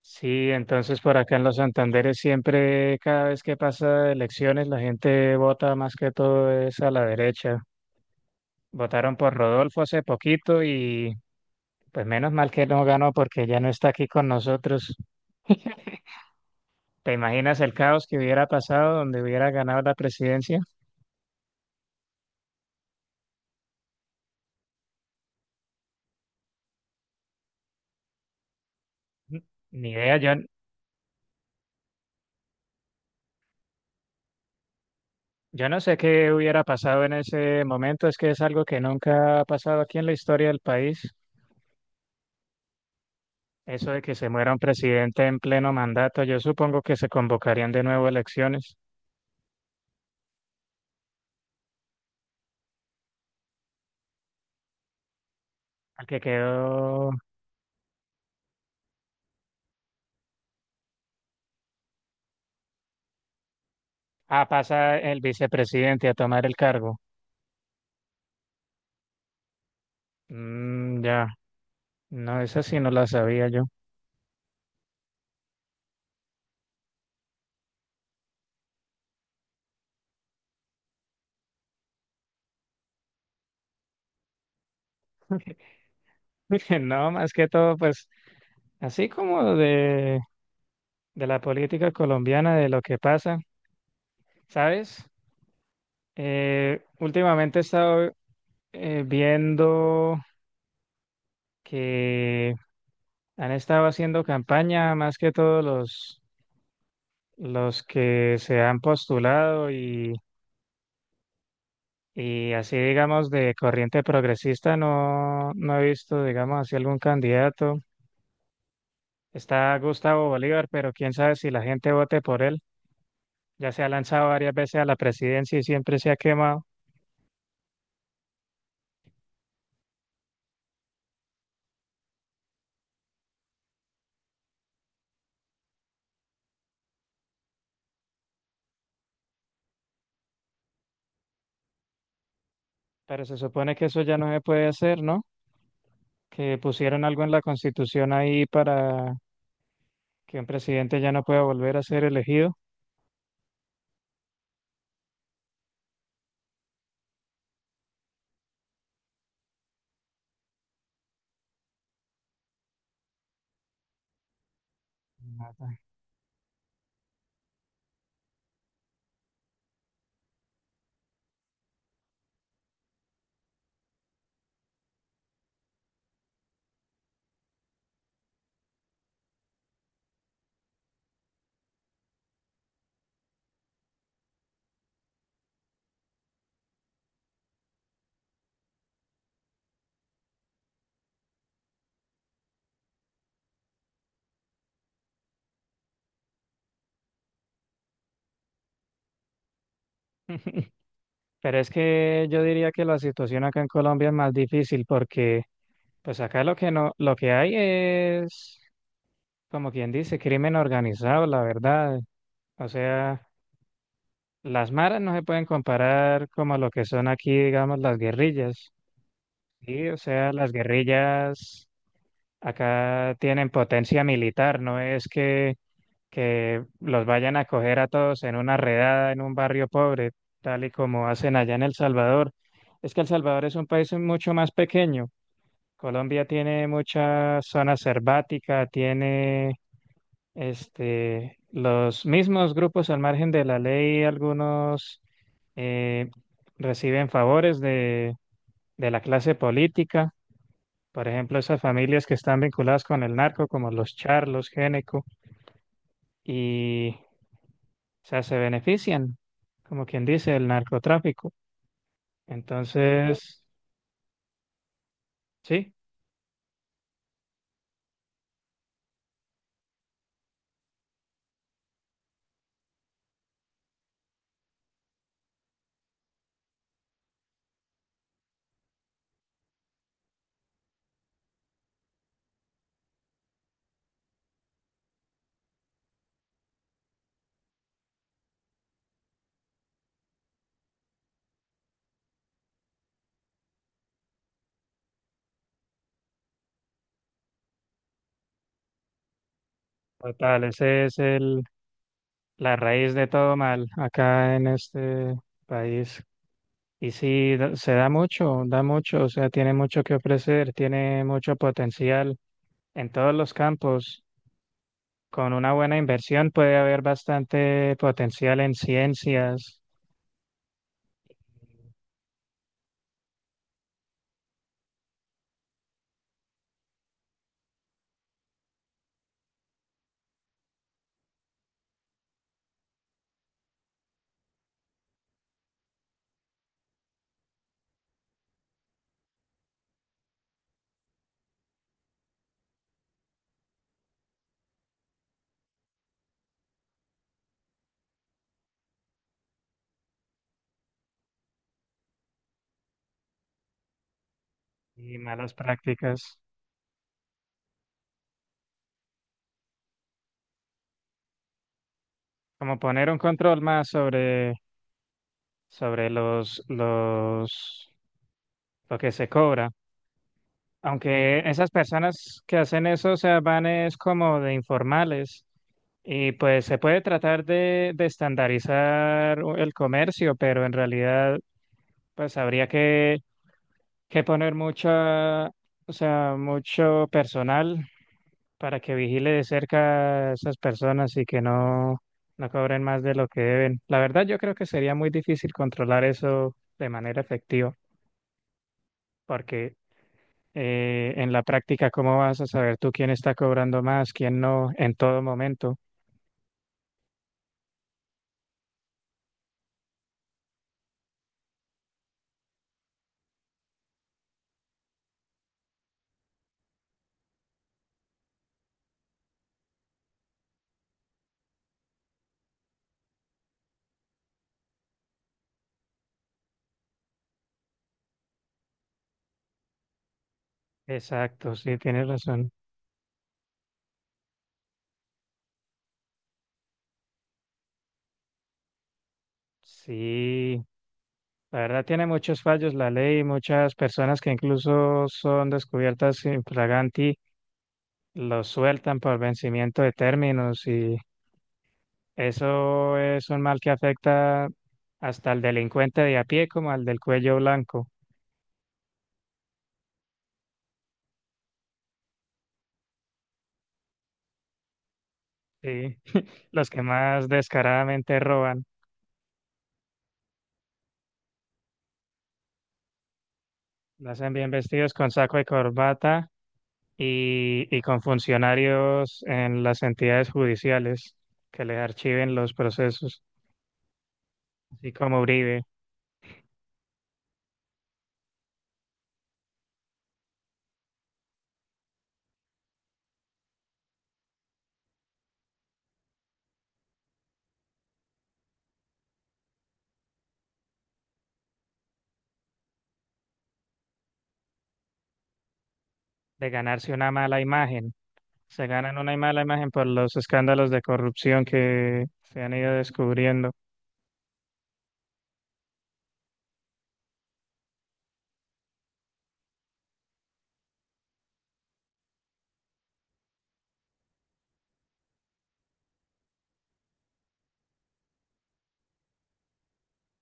Sí, entonces por acá en los Santanderes siempre, cada vez que pasa elecciones, la gente vota más que todo es a la derecha. Votaron por Rodolfo hace poquito y pues menos mal que no ganó porque ya no está aquí con nosotros. ¿Te imaginas el caos que hubiera pasado donde hubiera ganado la presidencia? N- Ni idea, yo, yo no sé qué hubiera pasado en ese momento, es que es algo que nunca ha pasado aquí en la historia del país. Eso de que se muera un presidente en pleno mandato, yo supongo que se convocarían de nuevo elecciones. Al que quedó. Ah, pasa el vicepresidente a tomar el cargo. Mm, ya. No, esa sí no la sabía yo. No, más que todo, pues, así como de la política colombiana, de lo que pasa, ¿sabes? Últimamente he estado viendo que han estado haciendo campaña más que todos los que se han postulado y así digamos de corriente progresista no, no he visto digamos así algún candidato. Está Gustavo Bolívar, pero quién sabe si la gente vote por él. Ya se ha lanzado varias veces a la presidencia y siempre se ha quemado, pero se supone que eso ya no se puede hacer, ¿no? Que pusieron algo en la constitución ahí para que un presidente ya no pueda volver a ser elegido. Pero es que yo diría que la situación acá en Colombia es más difícil porque pues acá lo que no, lo que hay es, como quien dice, crimen organizado, la verdad. O sea, las maras no se pueden comparar como lo que son aquí, digamos, las guerrillas. Sí, o sea, las guerrillas acá tienen potencia militar, no es que los vayan a coger a todos en una redada en un barrio pobre, tal y como hacen allá en El Salvador. Es que El Salvador es un país mucho más pequeño. Colombia tiene mucha zona selvática, tiene este, los mismos grupos al margen de la ley, algunos eh, reciben favores de la clase política, por ejemplo, esas familias que están vinculadas con el narco, como los charlos, Géneco, y o sea, se benefician, como quien dice, el narcotráfico. Entonces, sí, total, ese es el, la raíz de todo mal acá en este país. Y sí, se da mucho, o sea, tiene mucho que ofrecer, tiene mucho potencial en todos los campos. Con una buena inversión puede haber bastante potencial en ciencias y malas prácticas. Como poner un control más sobre lo que se cobra. Aunque esas personas que hacen eso, o sea, van es como de informales. Y pues se puede tratar de estandarizar el comercio, pero en realidad pues habría que poner mucha, o sea, mucho personal para que vigile de cerca a esas personas y que no, no cobren más de lo que deben. La verdad yo creo que sería muy difícil controlar eso de manera efectiva, porque en la práctica, ¿cómo vas a saber tú quién está cobrando más, quién no, en todo momento? Exacto, sí, tienes razón. Sí, la verdad tiene muchos fallos la ley, muchas personas que incluso son descubiertas infraganti, los sueltan por vencimiento de términos y eso es un mal que afecta hasta al delincuente de a pie como al del cuello blanco, sí, los que más descaradamente roban, lo hacen bien vestidos con saco y corbata y con funcionarios en las entidades judiciales que les archiven los procesos, así como Uribe, de ganarse una mala imagen. Se ganan una mala imagen por los escándalos de corrupción que se han ido descubriendo.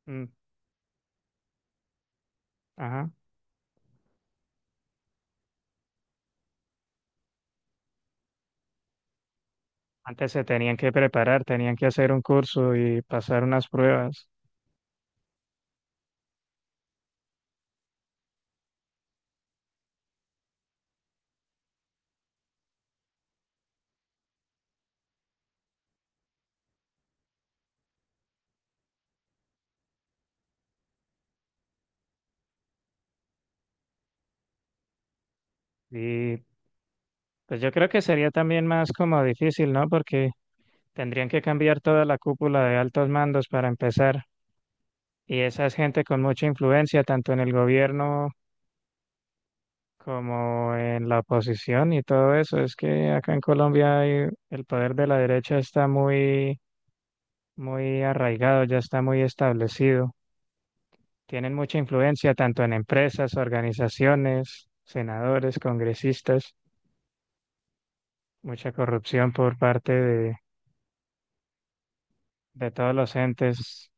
Mm, ajá. Antes se tenían que preparar, tenían que hacer un curso y pasar unas pruebas. Y pues yo creo que sería también más como difícil, ¿no? Porque tendrían que cambiar toda la cúpula de altos mandos para empezar. Y esa es gente con mucha influencia, tanto en el gobierno como en la oposición y todo eso. Es que acá en Colombia hay- el poder de la derecha está muy arraigado, ya está muy establecido. Tienen mucha influencia tanto en empresas, organizaciones, senadores, congresistas, mucha corrupción por parte de todos los entes.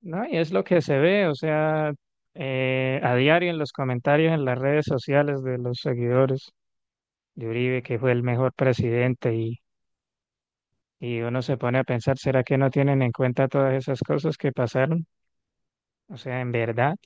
No, y es lo que se ve, o sea, a diario en los comentarios, en las redes sociales de los seguidores de Uribe, que fue el mejor presidente y uno se pone a pensar, ¿será que no tienen en cuenta todas esas cosas que pasaron? O sea, en verdad,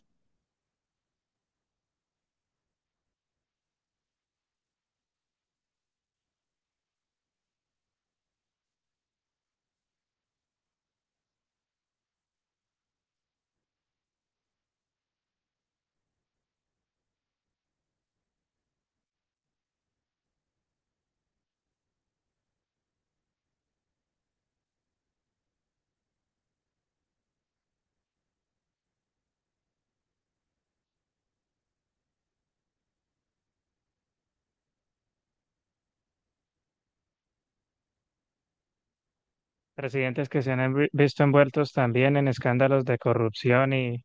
presidentes que se han visto envueltos también en escándalos de corrupción y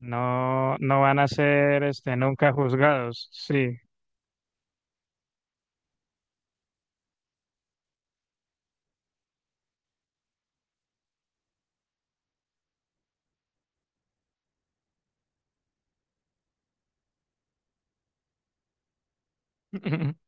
no, no van a ser este, nunca juzgados. Sí,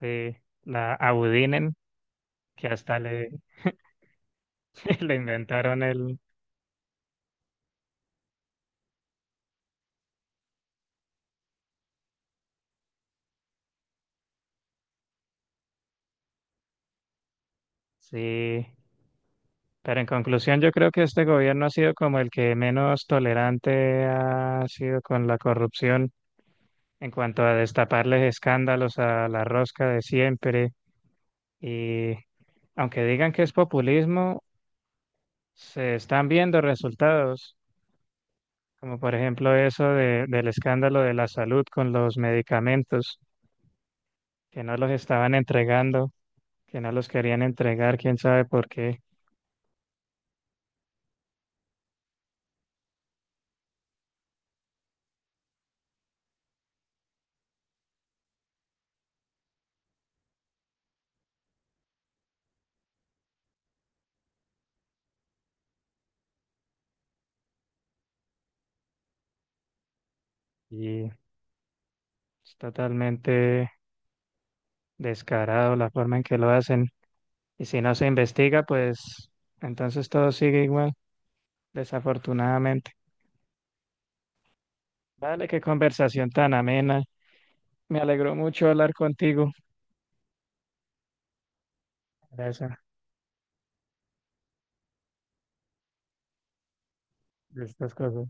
sí, la Abudinen, que hasta le, le inventaron el... Sí, pero en conclusión yo creo que este gobierno ha sido como el que menos tolerante ha sido con la corrupción en cuanto a destaparles escándalos a la rosca de siempre y aunque digan que es populismo, se están viendo resultados, como por ejemplo eso del escándalo de la salud con los medicamentos, que no los estaban entregando, que no los querían entregar, quién sabe por qué, y es totalmente descarado la forma en que lo hacen. Y si no se investiga, pues entonces todo sigue igual, desafortunadamente. Vale, qué conversación tan amena. Me alegró mucho hablar contigo. Gracias de estas cosas.